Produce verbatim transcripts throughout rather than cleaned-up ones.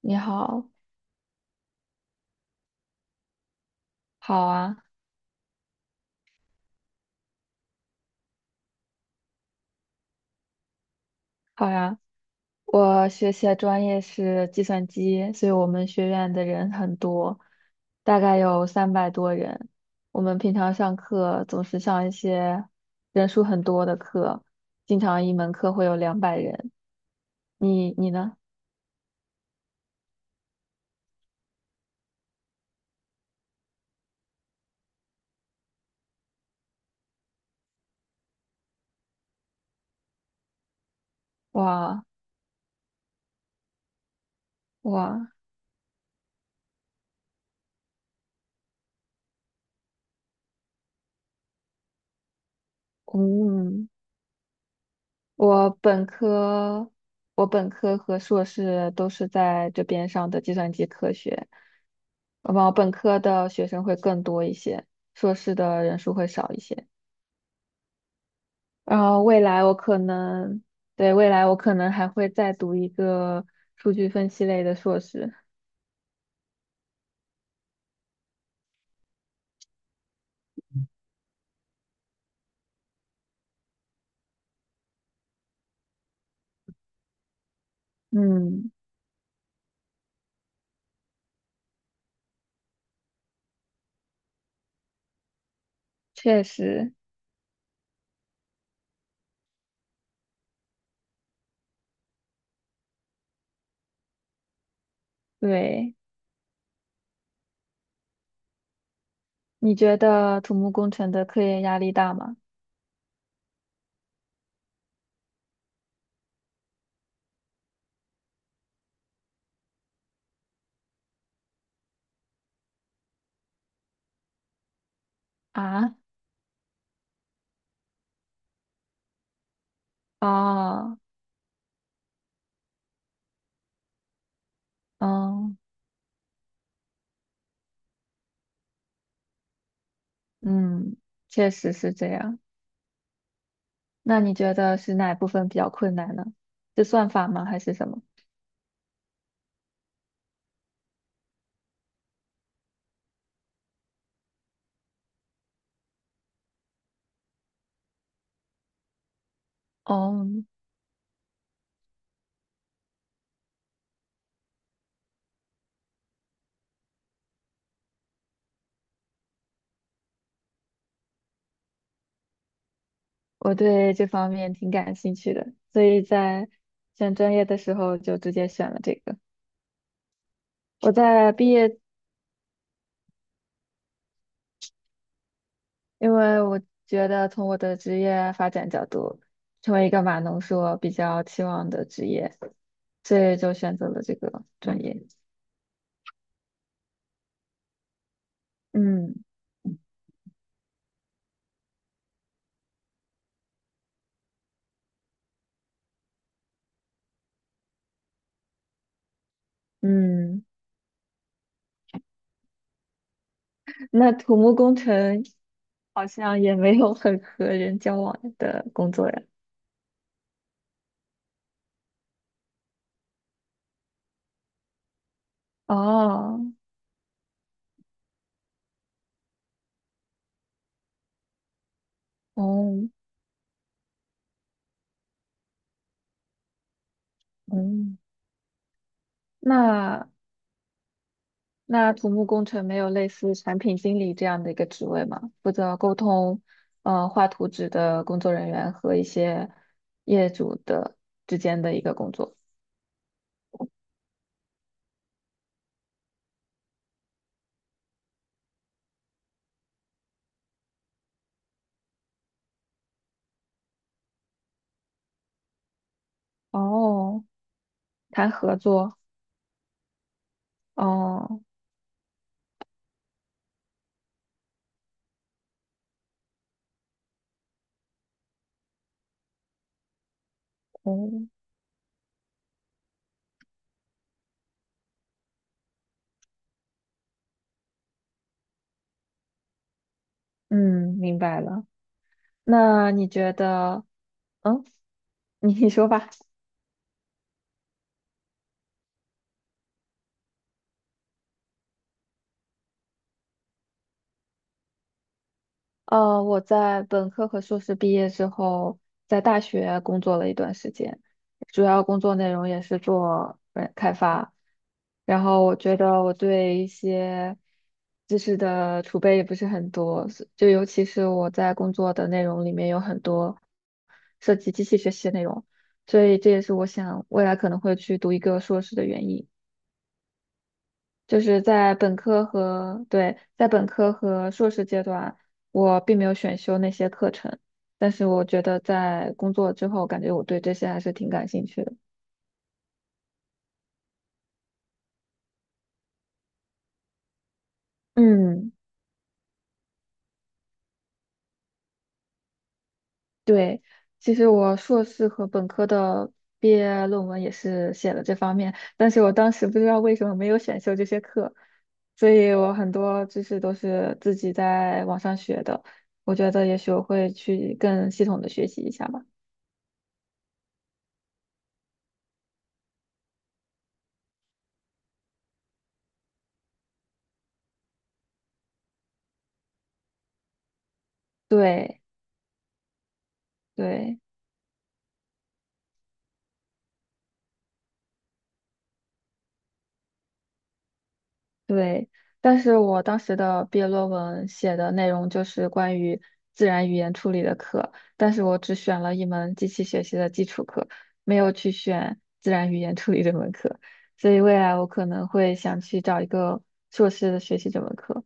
你好，好啊，好呀。我学习的专业是计算机，所以我们学院的人很多，大概有三百多人。我们平常上课总是上一些人数很多的课，经常一门课会有两百人。你你呢？哇哇，嗯。我本科，我本科和硕士都是在这边上的计算机科学，我本科的学生会更多一些，硕士的人数会少一些。然后未来我可能，对，未来我可能还会再读一个数据分析类的硕士。嗯，确实，对。你觉得土木工程的科研压力大吗？啊，啊，嗯嗯，确实是这样。那你觉得是哪部分比较困难呢？是算法吗，还是什么？哦，我对这方面挺感兴趣的，所以在选专业的时候就直接选了这个。我在毕业，因为我觉得从我的职业发展角度，成为一个码农是我比较期望的职业，所以就选择了这个专业。嗯嗯，那土木工程好像也没有很和人交往的工作呀。哦，哦，嗯，那那土木工程没有类似产品经理这样的一个职位吗？负责沟通，呃，画图纸的工作人员和一些业主的之间的一个工作。哦，谈合作。哦，哦，嗯，明白了。那你觉得，嗯，你你说吧。呃，我在本科和硕士毕业之后，在大学工作了一段时间，主要工作内容也是做呃开发。然后我觉得我对一些知识的储备也不是很多，是就尤其是我在工作的内容里面有很多涉及机器学习的内容，所以这也是我想未来可能会去读一个硕士的原因。就是在本科和，对，在本科和硕士阶段，我并没有选修那些课程，但是我觉得在工作之后，感觉我对这些还是挺感兴趣的。嗯，对，其实我硕士和本科的毕业论文也是写了这方面，但是我当时不知道为什么没有选修这些课，所以我很多知识都是自己在网上学的，我觉得也许我会去更系统的学习一下吧。对对。对，但是我当时的毕业论文写的内容就是关于自然语言处理的课，但是我只选了一门机器学习的基础课，没有去选自然语言处理这门课，所以未来我可能会想去找一个硕士的学习这门课。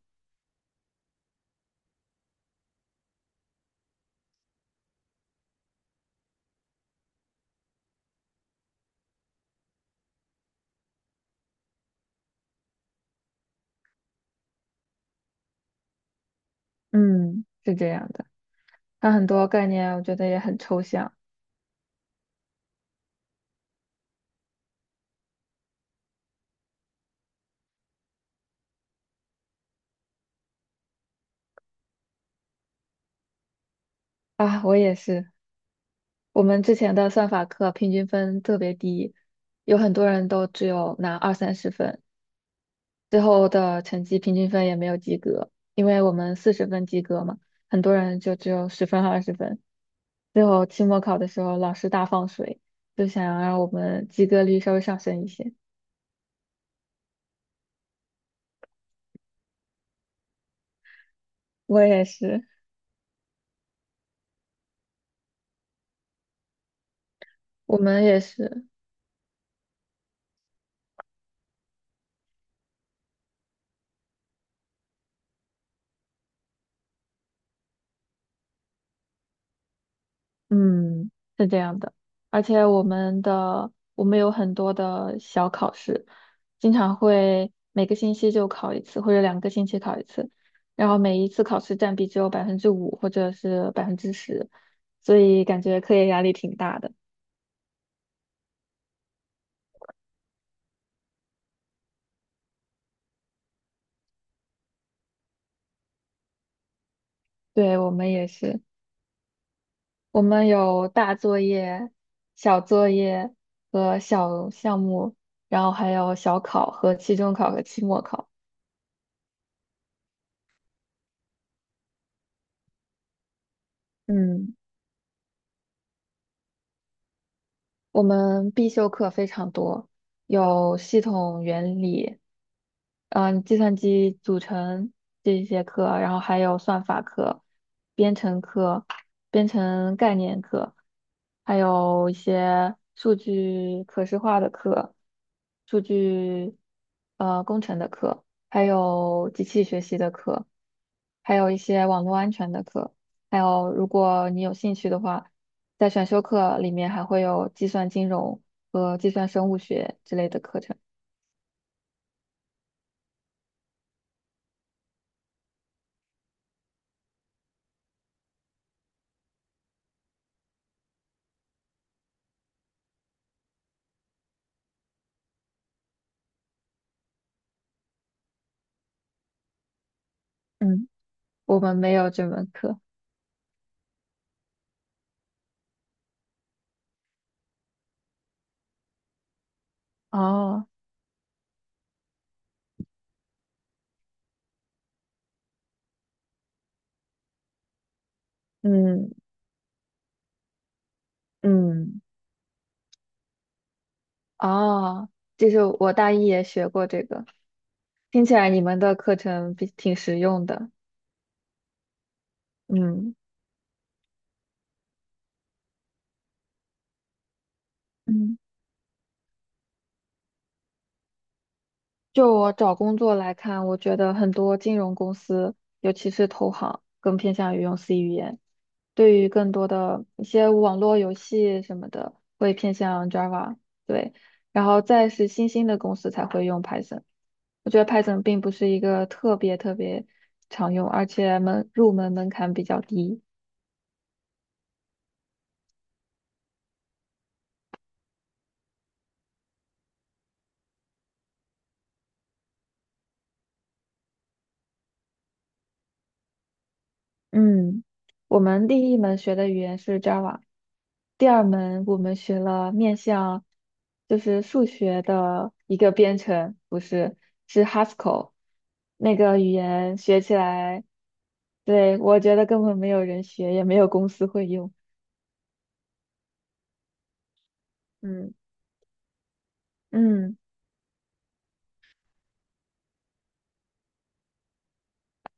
嗯，是这样的，它很多概念我觉得也很抽象。啊，我也是，我们之前的算法课平均分特别低，有很多人都只有拿二三十分。最后的成绩平均分也没有及格，因为我们四十分及格嘛，很多人就只有十分和二十分。最后期末考的时候，老师大放水，就想让我们及格率稍微上升一些。我也是，我们也是。嗯，是这样的，而且我们的我们有很多的小考试，经常会每个星期就考一次，或者两个星期考一次，然后每一次考试占比只有百分之五或者是百分之十，所以感觉课业压力挺大的。对，我们也是，我们有大作业、小作业和小项目，然后还有小考和期中考和期末考。嗯。我们必修课非常多，有系统原理，嗯、计算机组成这一些课，然后还有算法课、编程课、编程概念课，还有一些数据可视化的课、数据呃工程的课，还有机器学习的课，还有一些网络安全的课，还有如果你有兴趣的话。在选修课里面还会有计算金融和计算生物学之类的课程。嗯，我们没有这门课。哦嗯嗯，哦，就是我大一也学过这个，听起来你们的课程比挺实用的。嗯。嗯就我找工作来看，我觉得很多金融公司，尤其是投行，更偏向于用 C 语言。对于更多的一些网络游戏什么的，会偏向 Java，对，然后再是新兴的公司才会用 Python。我觉得 Python 并不是一个特别特别常用，而且门入门门槛比较低。嗯，我们第一门学的语言是 Java，第二门我们学了面向就是数学的一个编程，不是，是 Haskell 那个语言学起来，对，我觉得根本没有人学，也没有公司会用。嗯嗯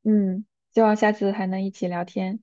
嗯，希望下次还能一起聊天。